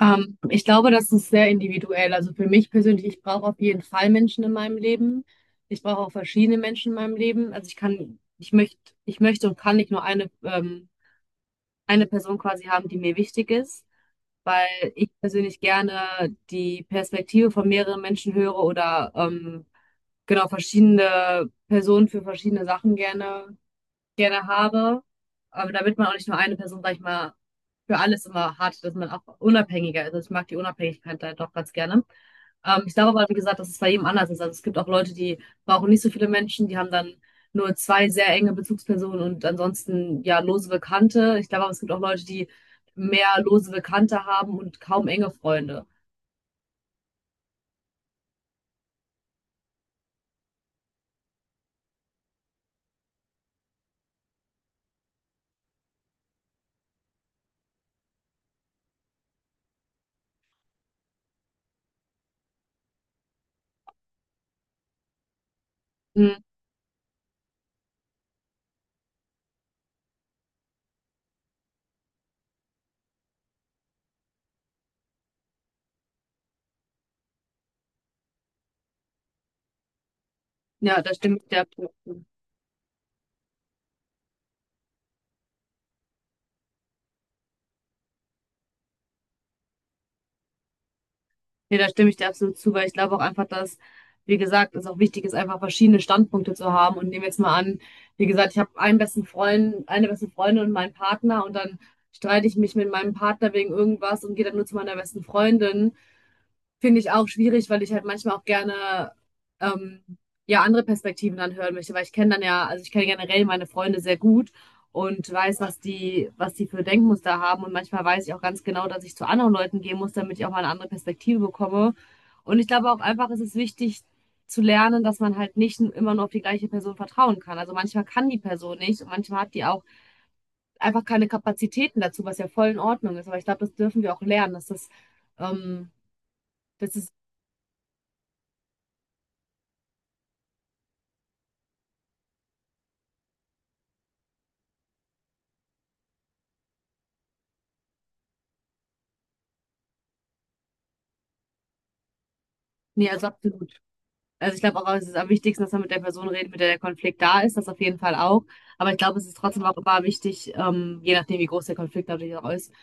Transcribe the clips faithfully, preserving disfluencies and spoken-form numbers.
Ähm, ich glaube, das ist sehr individuell. Also für mich persönlich, ich brauche auf jeden Fall Menschen in meinem Leben. Ich brauche auch verschiedene Menschen in meinem Leben. Also ich kann, ich möchte, ich möchte und kann nicht nur eine, ähm, eine Person quasi haben, die mir wichtig ist, weil ich persönlich gerne die Perspektive von mehreren Menschen höre oder ähm, genau verschiedene Personen für verschiedene Sachen gerne gerne habe, aber damit man auch nicht nur eine Person, sag ich mal, für alles immer hat, dass man auch unabhängiger ist. Also ich mag die Unabhängigkeit da doch ganz gerne. Ähm, ich glaube aber, wie gesagt, dass es bei jedem anders ist. Also es gibt auch Leute, die brauchen nicht so viele Menschen, die haben dann nur zwei sehr enge Bezugspersonen und ansonsten ja lose Bekannte. Ich glaube aber, es gibt auch Leute, die mehr lose Bekannte haben und kaum enge Freunde. Hm, ja, da stimme ich dir. Nee, da stimme ich dir absolut zu, weil ich glaube auch einfach, dass, wie gesagt, es auch wichtig ist, einfach verschiedene Standpunkte zu haben. Und nehmen wir jetzt mal an, wie gesagt, ich habe einen besten Freund, eine beste Freundin und meinen Partner und dann streite ich mich mit meinem Partner wegen irgendwas und gehe dann nur zu meiner besten Freundin. Finde ich auch schwierig, weil ich halt manchmal auch gerne ähm, ja andere Perspektiven dann hören möchte, weil ich kenne dann ja, also ich kenne generell meine Freunde sehr gut und weiß, was die, was die für Denkmuster haben und manchmal weiß ich auch ganz genau, dass ich zu anderen Leuten gehen muss, damit ich auch mal eine andere Perspektive bekomme. Und ich glaube auch einfach, es ist wichtig zu lernen, dass man halt nicht immer nur auf die gleiche Person vertrauen kann. Also manchmal kann die Person nicht und manchmal hat die auch einfach keine Kapazitäten dazu, was ja voll in Ordnung ist. Aber ich glaube, das dürfen wir auch lernen, dass das ähm, dass es Nee, also absolut. Also ich glaube auch, es ist am wichtigsten, dass man mit der Person redet, mit der der Konflikt da ist, das auf jeden Fall auch. Aber ich glaube, es ist trotzdem auch immer wichtig, ähm, je nachdem, wie groß der Konflikt natürlich auch ist,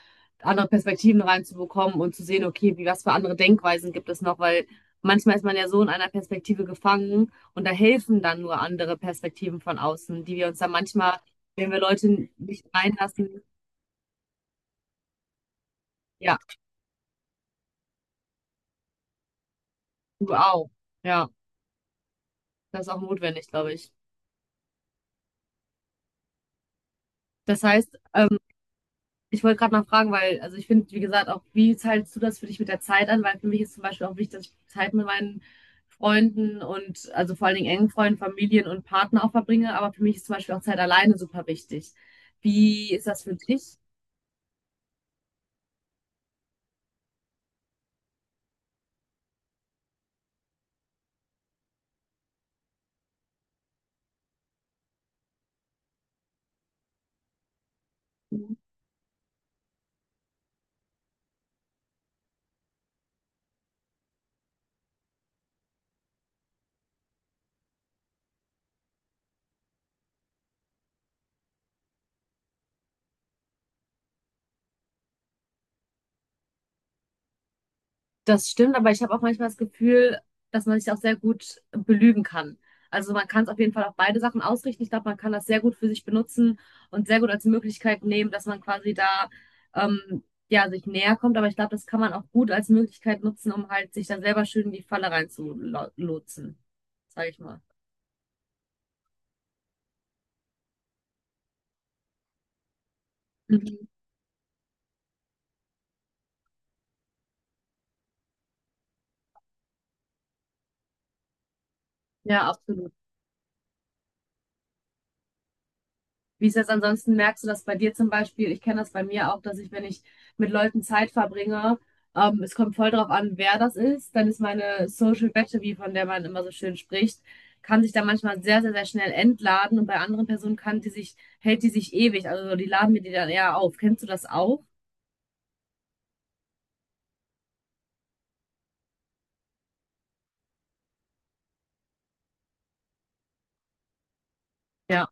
andere Perspektiven reinzubekommen und zu sehen, okay, wie, was für andere Denkweisen gibt es noch, weil manchmal ist man ja so in einer Perspektive gefangen und da helfen dann nur andere Perspektiven von außen, die wir uns dann manchmal, wenn wir Leute nicht reinlassen, ja, du auch. Ja, das ist auch notwendig, glaube ich. Das heißt, ich wollte gerade noch fragen, weil, also ich finde, wie gesagt, auch wie teilst du das für dich mit der Zeit an? Weil für mich ist zum Beispiel auch wichtig, dass ich Zeit mit meinen Freunden und also vor allen Dingen engen Freunden, Familien und Partner auch verbringe. Aber für mich ist zum Beispiel auch Zeit alleine super wichtig. Wie ist das für dich? Das stimmt, aber ich habe auch manchmal das Gefühl, dass man sich auch sehr gut belügen kann. Also man kann es auf jeden Fall auf beide Sachen ausrichten. Ich glaube, man kann das sehr gut für sich benutzen und sehr gut als Möglichkeit nehmen, dass man quasi da ähm, ja sich näher kommt. Aber ich glaube, das kann man auch gut als Möglichkeit nutzen, um halt sich da selber schön in die Falle reinzulotsen, sage ich mal. Mhm. Ja, absolut. Wie ist das ansonsten? Merkst du das bei dir zum Beispiel? Ich kenne das bei mir auch, dass ich, wenn ich mit Leuten Zeit verbringe, ähm, es kommt voll drauf an, wer das ist. Dann ist meine Social Battery, von der man immer so schön spricht, kann sich da manchmal sehr, sehr, sehr schnell entladen und bei anderen Personen kann die sich, hält die sich ewig. Also so, die laden mir die dann eher auf. Kennst du das auch? Ja.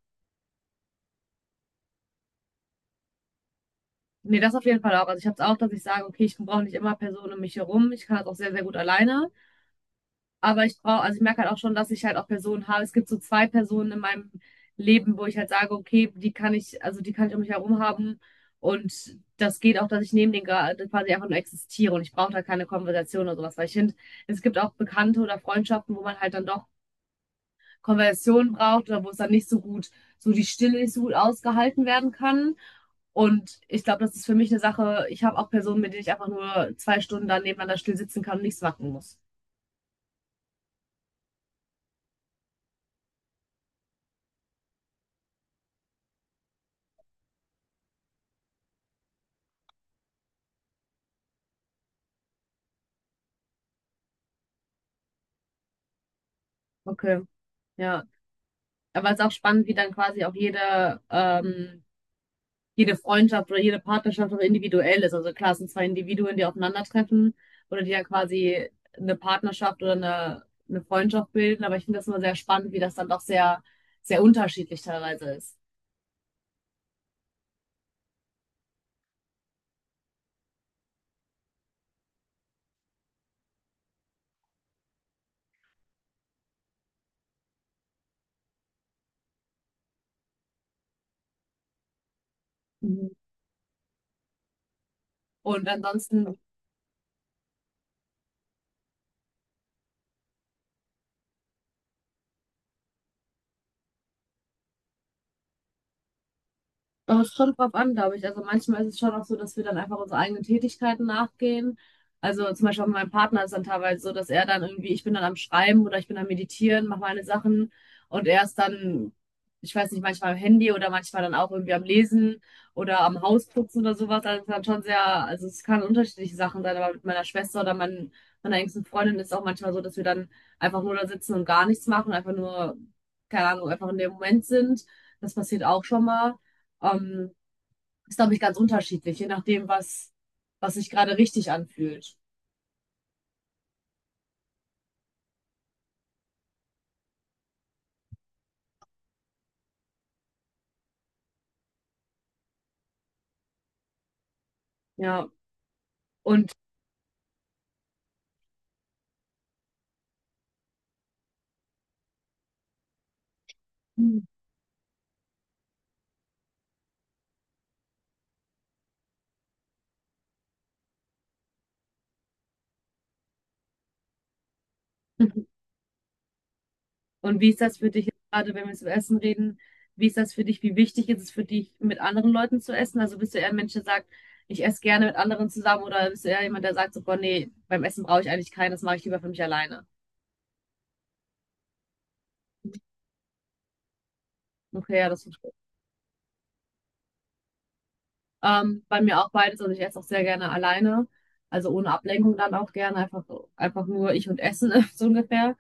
Nee, das auf jeden Fall auch. Also ich habe es auch, dass ich sage, okay, ich brauche nicht immer Personen um mich herum. Ich kann das auch sehr, sehr gut alleine. Aber ich brauche, also ich merke halt auch schon, dass ich halt auch Personen habe. Es gibt so zwei Personen in meinem Leben, wo ich halt sage, okay, die kann ich, also die kann ich um mich herum haben. Und das geht auch, dass ich neben denen gerade quasi einfach nur existiere und ich brauche da keine Konversation oder sowas. Weil ich finde, es gibt auch Bekannte oder Freundschaften, wo man halt dann doch Konversationen braucht oder wo es dann nicht so gut, so die Stille nicht so gut ausgehalten werden kann. Und ich glaube, das ist für mich eine Sache. Ich habe auch Personen, mit denen ich einfach nur zwei Stunden dann nebeneinander still sitzen kann und nichts machen muss. Okay, ja. Aber es ist auch spannend, wie dann quasi auch jede, ähm, jede Freundschaft oder jede Partnerschaft auch individuell ist. Also klar, es sind zwei Individuen, die aufeinandertreffen oder die dann quasi eine Partnerschaft oder eine, eine Freundschaft bilden. Aber ich finde das immer sehr spannend, wie das dann doch sehr, sehr unterschiedlich teilweise ist. Mhm. Und ansonsten aber es kommt drauf an, glaube ich. Also manchmal ist es schon auch so, dass wir dann einfach unsere eigenen Tätigkeiten nachgehen. Also zum Beispiel auch mit meinem Partner ist dann teilweise so, dass er dann irgendwie, ich bin dann am Schreiben oder ich bin am Meditieren, mache meine Sachen und er ist dann, ich weiß nicht, manchmal am Handy oder manchmal dann auch irgendwie am Lesen oder am Hausputzen oder sowas. Also es ist dann schon sehr, also es kann unterschiedliche Sachen sein, aber mit meiner Schwester oder mein, meiner engsten Freundin ist es auch manchmal so, dass wir dann einfach nur da sitzen und gar nichts machen, einfach nur, keine Ahnung, einfach in dem Moment sind. Das passiert auch schon mal. Ähm, Ist, glaube ich, ganz unterschiedlich, je nachdem, was, was sich gerade richtig anfühlt. Ja, und, mhm, und wie ist das für dich jetzt gerade, wenn wir jetzt über Essen reden? Wie ist das für dich? Wie wichtig ist es für dich, mit anderen Leuten zu essen? Also bist du eher ein Mensch, der sagt, ich esse gerne mit anderen zusammen oder bist du eher jemand, der sagt so, boah, nee, beim Essen brauche ich eigentlich keinen, das mache ich lieber für mich alleine. Okay, ja, das verstehe ich. Ähm, bei mir auch beides, also ich esse auch sehr gerne alleine, also ohne Ablenkung dann auch gerne, einfach, einfach nur ich und Essen, so ungefähr.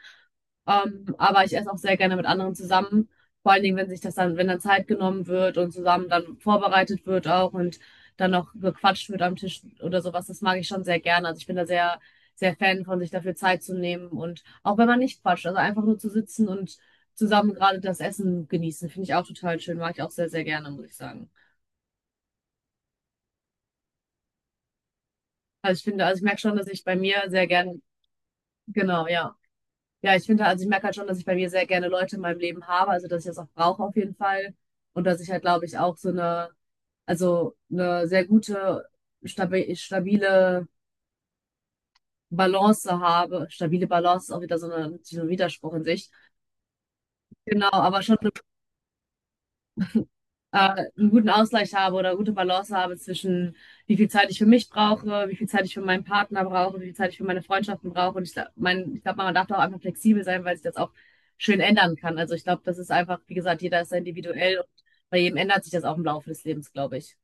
Ähm, aber ich esse auch sehr gerne mit anderen zusammen. Vor allen Dingen, wenn sich das dann, wenn dann Zeit genommen wird und zusammen dann vorbereitet wird auch und dann noch gequatscht wird am Tisch oder sowas, das mag ich schon sehr gerne. Also ich bin da sehr, sehr Fan von, sich dafür Zeit zu nehmen und auch wenn man nicht quatscht, also einfach nur zu sitzen und zusammen gerade das Essen genießen, finde ich auch total schön, mag ich auch sehr, sehr gerne, muss ich sagen. Also ich finde, also ich merke schon, dass ich bei mir sehr gerne, genau, ja. Ja, ich finde, also ich merke halt schon, dass ich bei mir sehr gerne Leute in meinem Leben habe, also dass ich das auch brauche auf jeden Fall. Und dass ich halt, glaube ich, auch so eine, also eine sehr gute, stabi stabile Balance habe. Stabile Balance ist auch wieder so, eine, so ein Widerspruch in sich. Genau, aber schon äh, einen guten Ausgleich habe oder gute Balance habe zwischen wie viel Zeit ich für mich brauche, wie viel Zeit ich für meinen Partner brauche, wie viel Zeit ich für meine Freundschaften brauche. Und ich glaube, mein, ich glaube, man darf da auch einfach flexibel sein, weil sich das auch schön ändern kann. Also ich glaube, das ist einfach, wie gesagt, jeder ist sehr individuell und bei jedem ändert sich das auch im Laufe des Lebens, glaube ich.